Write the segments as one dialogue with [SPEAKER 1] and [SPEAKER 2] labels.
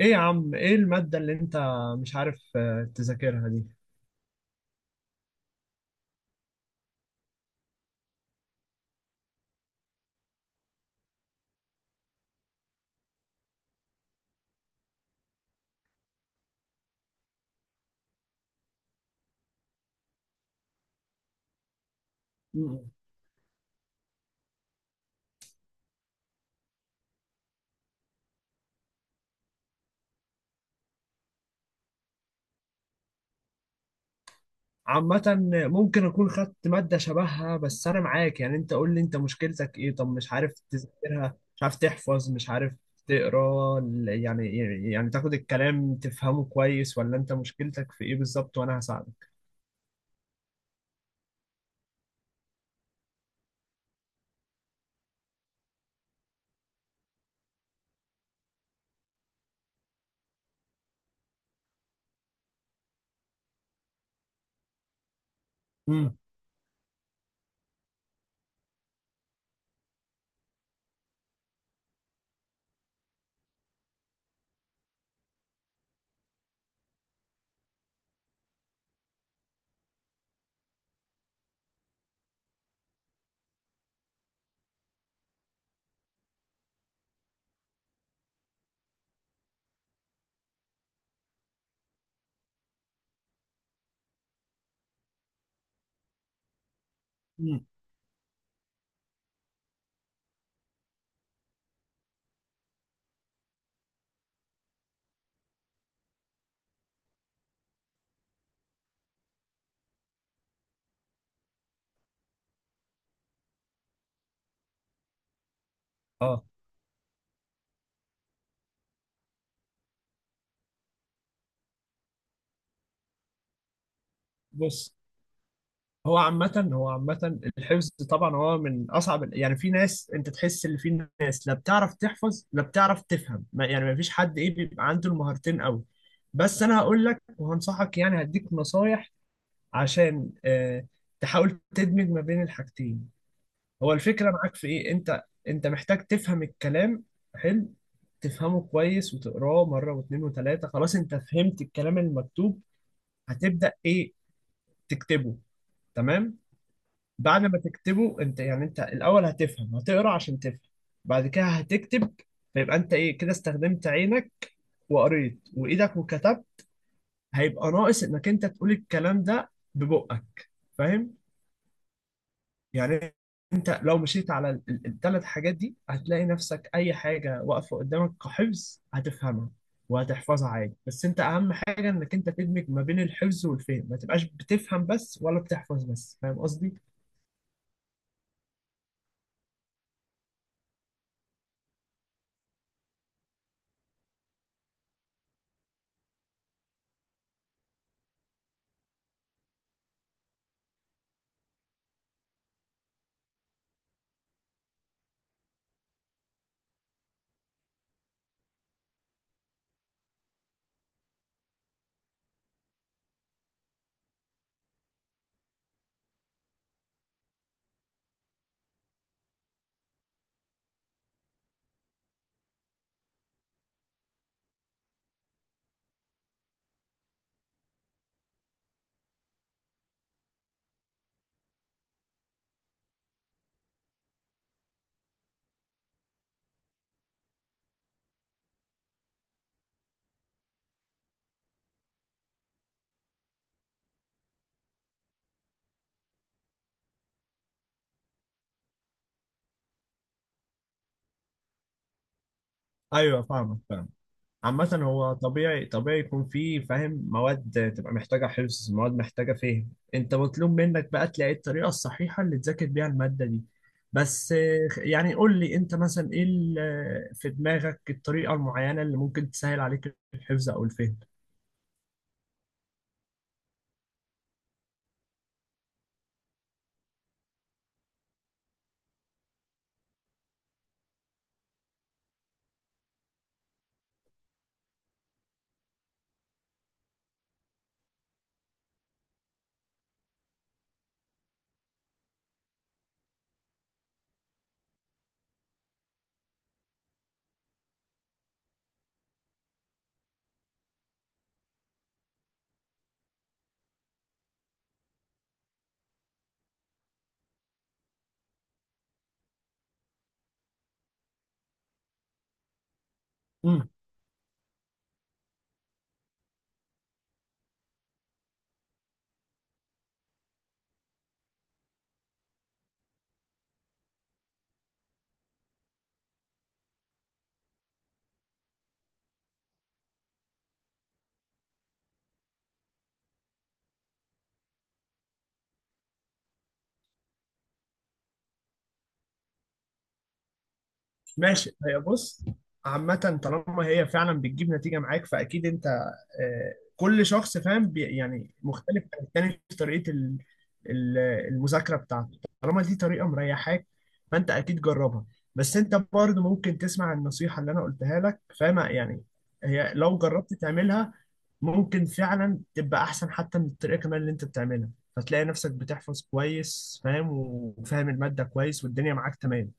[SPEAKER 1] ايه يا عم، ايه المادة اللي انت مش عارف تذاكرها دي؟ عامة ممكن اكون خدت مادة شبهها، بس انا معاك. يعني انت قول لي، انت مشكلتك ايه؟ طب مش عارف تذاكرها، مش عارف تحفظ، مش عارف تقرا يعني، يعني تاخد الكلام تفهمه كويس، ولا انت مشكلتك في ايه بالظبط وانا هساعدك؟ مم. مم. اه، بص، هو عامة الحفظ طبعا هو من أصعب يعني، في ناس أنت تحس إن في ناس لا بتعرف تحفظ لا بتعرف تفهم، ما يعني ما فيش حد إيه بيبقى عنده المهارتين أوي. بس أنا هقول لك وهنصحك، يعني هديك نصايح عشان تحاول تدمج ما بين الحاجتين. هو الفكرة معاك في إيه؟ أنت محتاج تفهم الكلام، حلو، تفهمه كويس وتقراه مرة واتنين وتلاتة. خلاص، أنت فهمت الكلام المكتوب، هتبدأ إيه؟ تكتبه. تمام؟ بعد ما تكتبه انت، يعني انت الاول هتفهم، هتقرا عشان تفهم، بعد كده هتكتب. فيبقى انت ايه كده؟ استخدمت عينك وقريت، وايدك وكتبت. هيبقى ناقص انك انت تقول الكلام ده ببقك، فاهم يعني؟ انت لو مشيت على الثلاث حاجات دي هتلاقي نفسك اي حاجه واقفه قدامك كحفظ هتفهمها وهتحفظها عادي. بس انت اهم حاجه انك انت تدمج ما بين الحفظ والفهم، ما تبقاش بتفهم بس ولا بتحفظ بس، فاهم قصدي؟ ايوه، فاهمك فاهمك. عامة هو طبيعي، طبيعي يكون فيه، فاهم، مواد تبقى محتاجة حفظ، مواد محتاجة فهم. انت مطلوب منك بقى تلاقي الطريقة الصحيحة اللي تذاكر بيها المادة دي. بس يعني قول لي انت مثلا ايه في دماغك الطريقة المعينة اللي ممكن تسهل عليك الحفظ او الفهم؟ ماشي، هي بص، عامة طالما هي فعلا بتجيب نتيجة معاك فأكيد أنت كل شخص فاهم يعني مختلف عن التاني في طريقة ال- المذاكرة بتاعته. طالما دي طريقة مريحاك فأنت أكيد جربها. بس أنت برضه ممكن تسمع النصيحة اللي أنا قلتها لك، فاهم يعني؟ هي لو جربت تعملها ممكن فعلا تبقى أحسن حتى من الطريقة كمان اللي أنت بتعملها، فتلاقي نفسك بتحفظ كويس فاهم، وفاهم المادة كويس، والدنيا معاك تمام.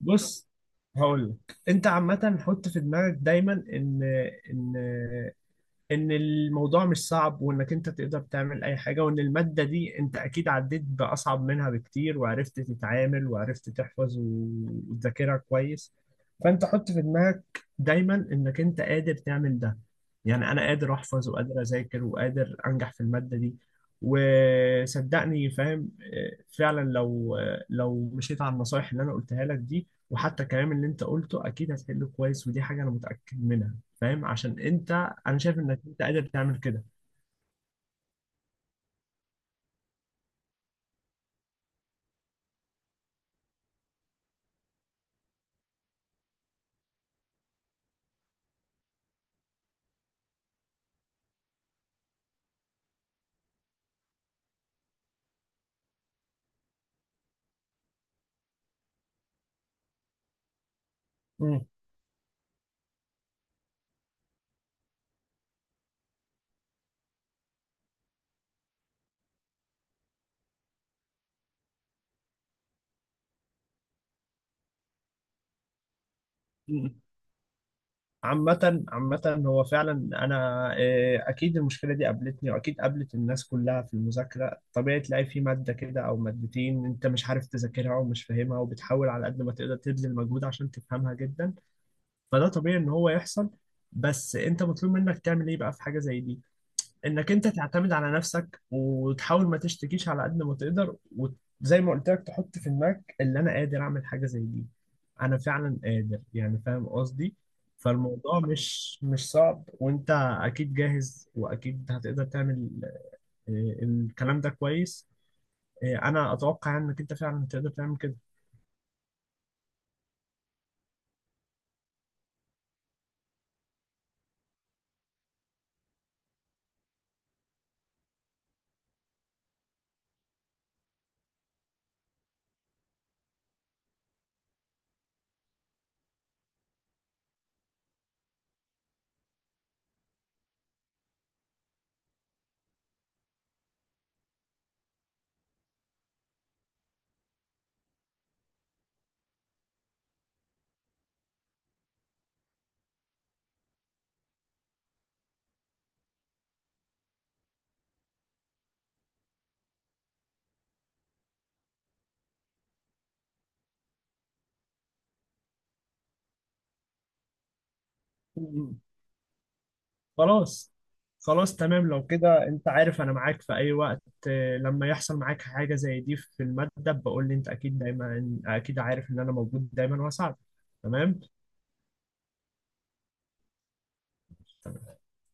[SPEAKER 1] بص هقول لك انت، عامه حط في دماغك دايما ان ان الموضوع مش صعب، وانك انت تقدر تعمل اي حاجة، وان المادة دي انت اكيد عديت باصعب منها بكتير وعرفت تتعامل وعرفت تحفظ وتذاكرها كويس. فانت حط في دماغك دايما انك انت قادر تعمل ده، يعني انا قادر احفظ وقادر اذاكر وقادر انجح في المادة دي. وصدقني فاهم، فعلا لو لو مشيت على النصايح اللي انا قلتها لك دي وحتى الكلام اللي انت قلته، اكيد هتحله كويس، ودي حاجة انا متأكد منها، فاهم؟ عشان انت، انا شايف انك انت قادر تعمل كده. مم. مم. عامة هو فعلا أنا، أكيد المشكلة دي قابلتني وأكيد قابلت الناس كلها في المذاكرة. طبيعي تلاقي في مادة كده أو مادتين أنت مش عارف تذاكرها ومش فاهمها، وبتحاول على قد ما تقدر تبذل مجهود عشان تفهمها جدا. فده طبيعي إن هو يحصل. بس أنت مطلوب منك تعمل إيه بقى في حاجة زي دي؟ انك انت تعتمد على نفسك وتحاول ما تشتكيش على قد ما تقدر، وزي ما قلت لك تحط في دماغك اللي انا قادر اعمل حاجه زي دي، انا فعلا قادر، يعني فاهم قصدي؟ فالموضوع مش صعب، وانت اكيد جاهز واكيد هتقدر تعمل. الكلام ده كويس. انا اتوقع يعني انك انت فعلا هتقدر تعمل كده. خلاص، خلاص تمام. لو كده انت عارف انا معاك في اي وقت. لما يحصل معاك حاجة زي دي في المادة بقول لي انت، اكيد دايما، اكيد عارف ان انا موجود دايما واساعدك. تمام.